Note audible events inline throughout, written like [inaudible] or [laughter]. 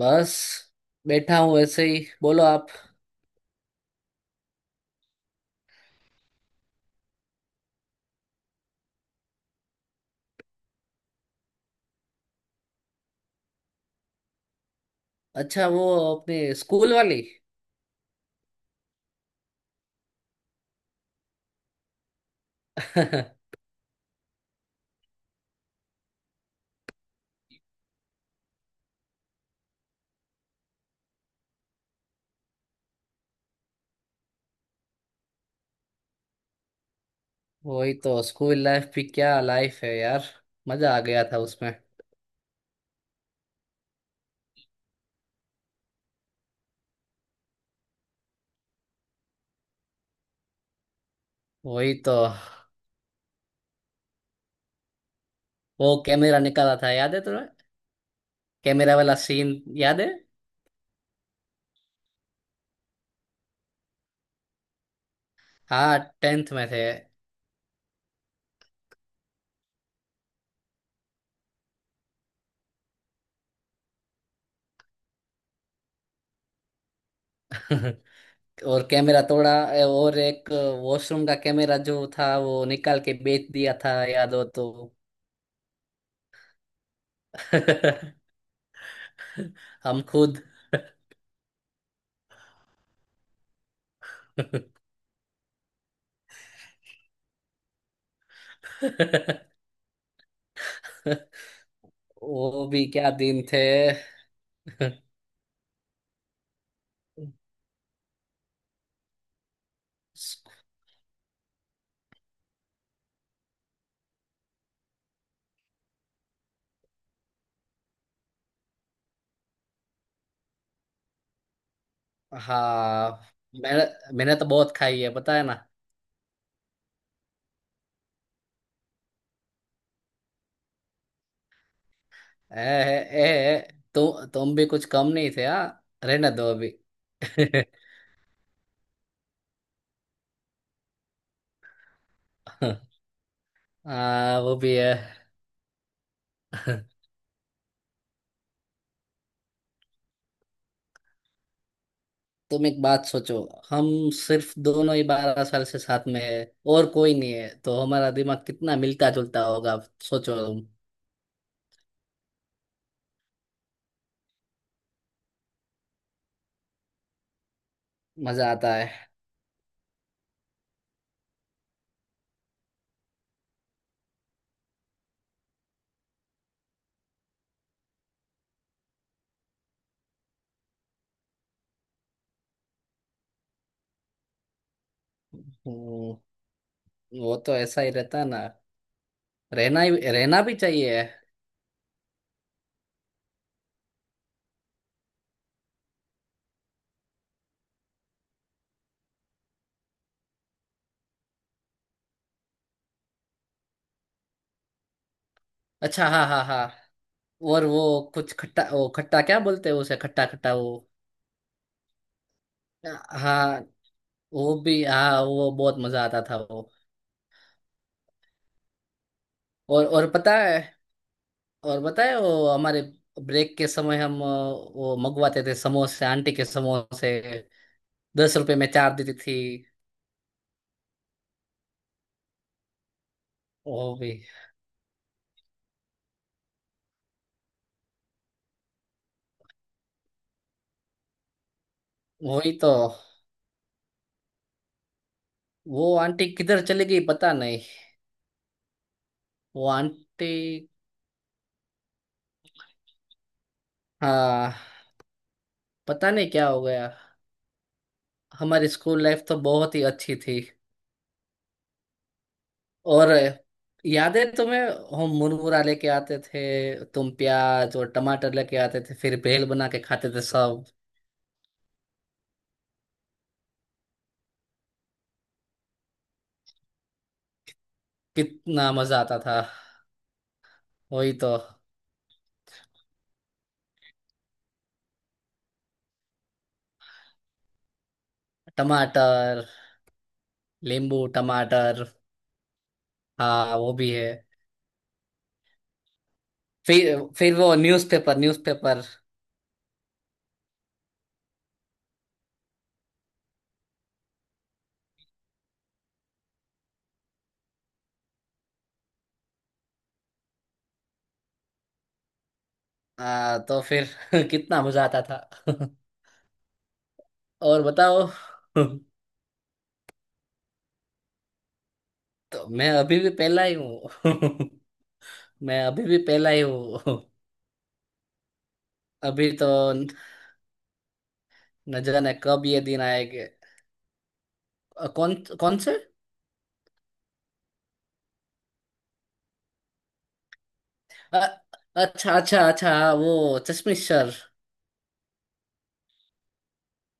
बस बैठा हूँ ऐसे ही। बोलो आप। अच्छा वो अपने स्कूल वाली। [laughs] वही तो। स्कूल लाइफ भी क्या लाइफ है यार। मजा आ गया था उसमें। वही तो। वो कैमरा निकाला था याद है तुम्हें। कैमरा वाला सीन याद है। हाँ टेंथ में थे। [laughs] और कैमरा तोड़ा। और एक वॉशरूम का कैमरा जो था वो निकाल के बेच दिया था याद हो तो। [laughs] हम खुद। [laughs] वो भी क्या दिन थे। हाँ। मैंने मैंने तो बहुत खाई है पता है ना। ए, ए, ए, तु, तुम भी कुछ कम नहीं थे हाँ। रहने दो अभी। [laughs] हाँ वो भी है। तुम एक बात सोचो। हम सिर्फ दोनों ही 12 साल से साथ में है। और कोई नहीं है तो हमारा दिमाग कितना मिलता जुलता होगा। सोचो तुम। मजा आता है। हम्म, वो तो ऐसा ही रहता है ना। रहना ही रहना भी चाहिए। अच्छा हाँ हाँ हाँ। और वो कुछ खट्टा वो खट्टा क्या बोलते हैं उसे खट्टा खट्टा वो। हाँ। वो भी हाँ वो बहुत मजा आता था वो। और पता है। और पता है वो हमारे ब्रेक के समय हम वो मंगवाते थे समोसे आंटी के समोसे। 10 रुपए में चार देती थी। वो भी। वही तो। वो आंटी किधर चली गई पता नहीं। वो आंटी। हाँ पता नहीं क्या हो गया। हमारी स्कूल लाइफ तो बहुत ही अच्छी थी। और। याद है तुम्हें। हम मुरमुरा लेके आते थे तुम प्याज और टमाटर लेके आते थे फिर भेल बना के खाते थे सब। कितना मजा आता था। वही तो। टमाटर। नींबू टमाटर। हाँ वो भी है। फिर वो न्यूज़पेपर न्यूज़पेपर। तो फिर। [laughs] कितना मजा आता था। [laughs] और बताओ। [laughs] तो मैं अभी भी पहला ही हूँ। [laughs] मैं अभी भी पहला ही हूँ। [laughs] अभी तो। न न जाने कब ये दिन आएंगे। कौन कौन से। अ, अच्छा अच्छा अच्छा हाँ, वो चश्मिश सर।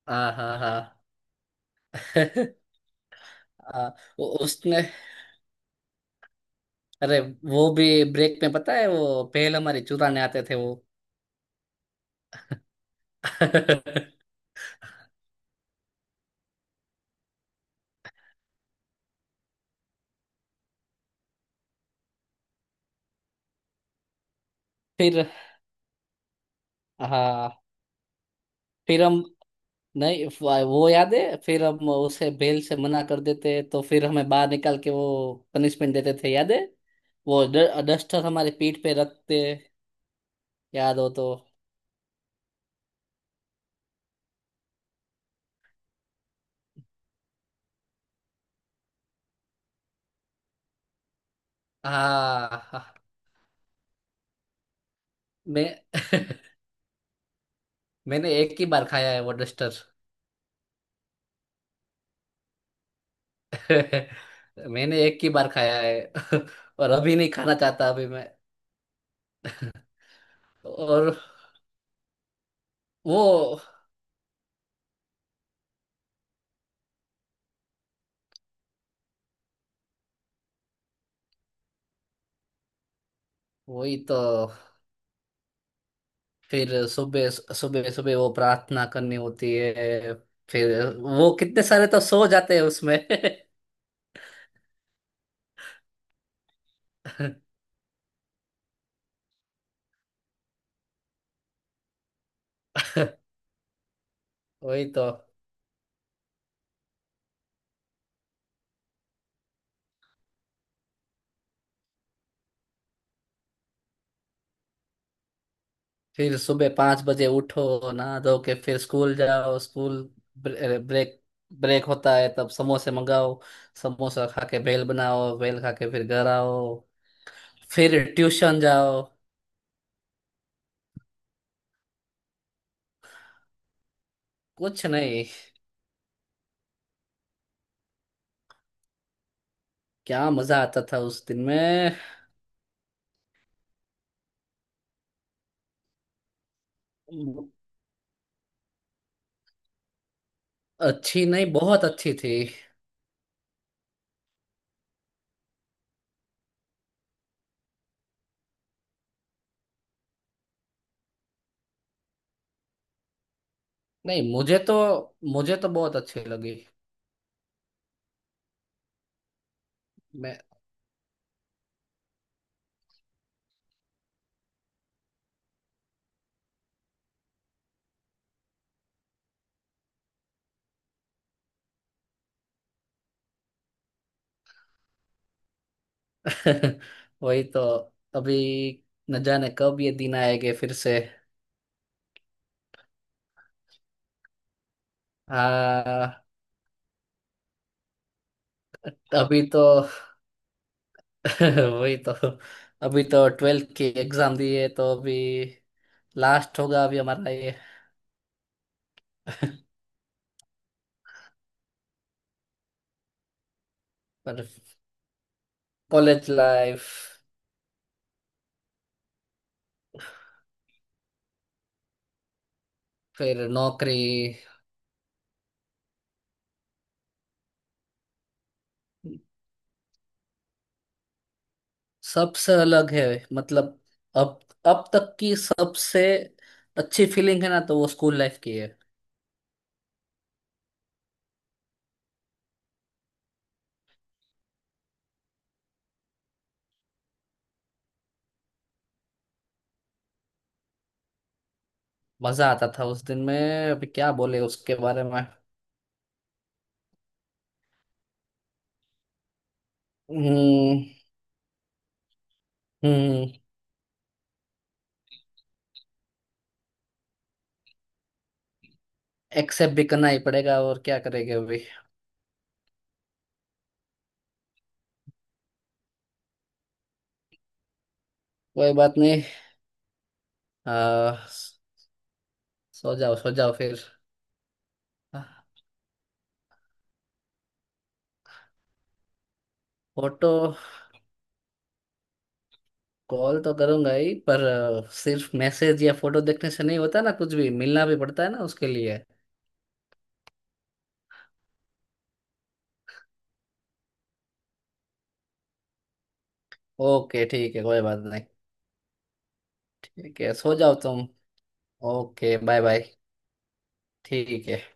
हाँ हाँ हाँ। [laughs] आ, वो उसने। अरे। वो भी। ब्रेक में पता है वो पहले हमारे चुराने आते थे वो। [laughs] फिर। हाँ। फिर हम। नहीं। वो याद है फिर हम उसे बेल से मना कर देते तो फिर हमें बाहर निकाल के वो पनिशमेंट देते थे याद है। वो डस्टर हमारे पीठ पे रखते। याद हो तो। हाँ हाँ, मैं। [laughs] मैंने एक ही बार खाया है वो डस्टर। [laughs] मैंने एक ही बार खाया है। [laughs] और अभी नहीं खाना चाहता अभी मैं। और। वो। वही तो। फिर सुबह सुबह सुबह वो प्रार्थना करनी होती है। फिर। वो कितने सारे तो सो जाते हैं उसमें। [laughs] वही तो। फिर सुबह 5 बजे उठो नहा धो के फिर स्कूल जाओ स्कूल। ब्रेक ब्रेक होता है तब समोसे मंगाओ। समोसा खा के भेल बनाओ भेल खा के फिर घर आओ। फिर ट्यूशन जाओ। कुछ नहीं। क्या मजा आता था उस दिन में। अच्छी नहीं बहुत अच्छी थी। नहीं मुझे तो बहुत अच्छी लगी। मैं। [laughs] वही तो। अभी। न जाने कब ये दिन आएंगे फिर से। हाँ। अभी तो। [laughs] वही तो। अभी तो 12वीं की एग्जाम दी है तो अभी। लास्ट होगा अभी हमारा ये। पर। College life. फिर नौकरी। सबसे अलग है। मतलब। अब अब तक की सबसे अच्छी फीलिंग है ना तो वो स्कूल लाइफ की है। मजा आता था उस दिन में। अभी क्या बोले उसके बारे में। हम्म। हम्म। एक्सेप्ट भी करना ही पड़ेगा और क्या करेंगे अभी। कोई बात नहीं। आ, सो जाओ सो जाओ फिर। फोटो। कॉल तो करूंगा ही पर। सिर्फ मैसेज या फोटो देखने से नहीं होता ना कुछ भी मिलना भी पड़ता है ना उसके लिए। ओके ठीक है कोई बात नहीं। ठीक है सो जाओ तुम। Okay bye bye. ठीक है।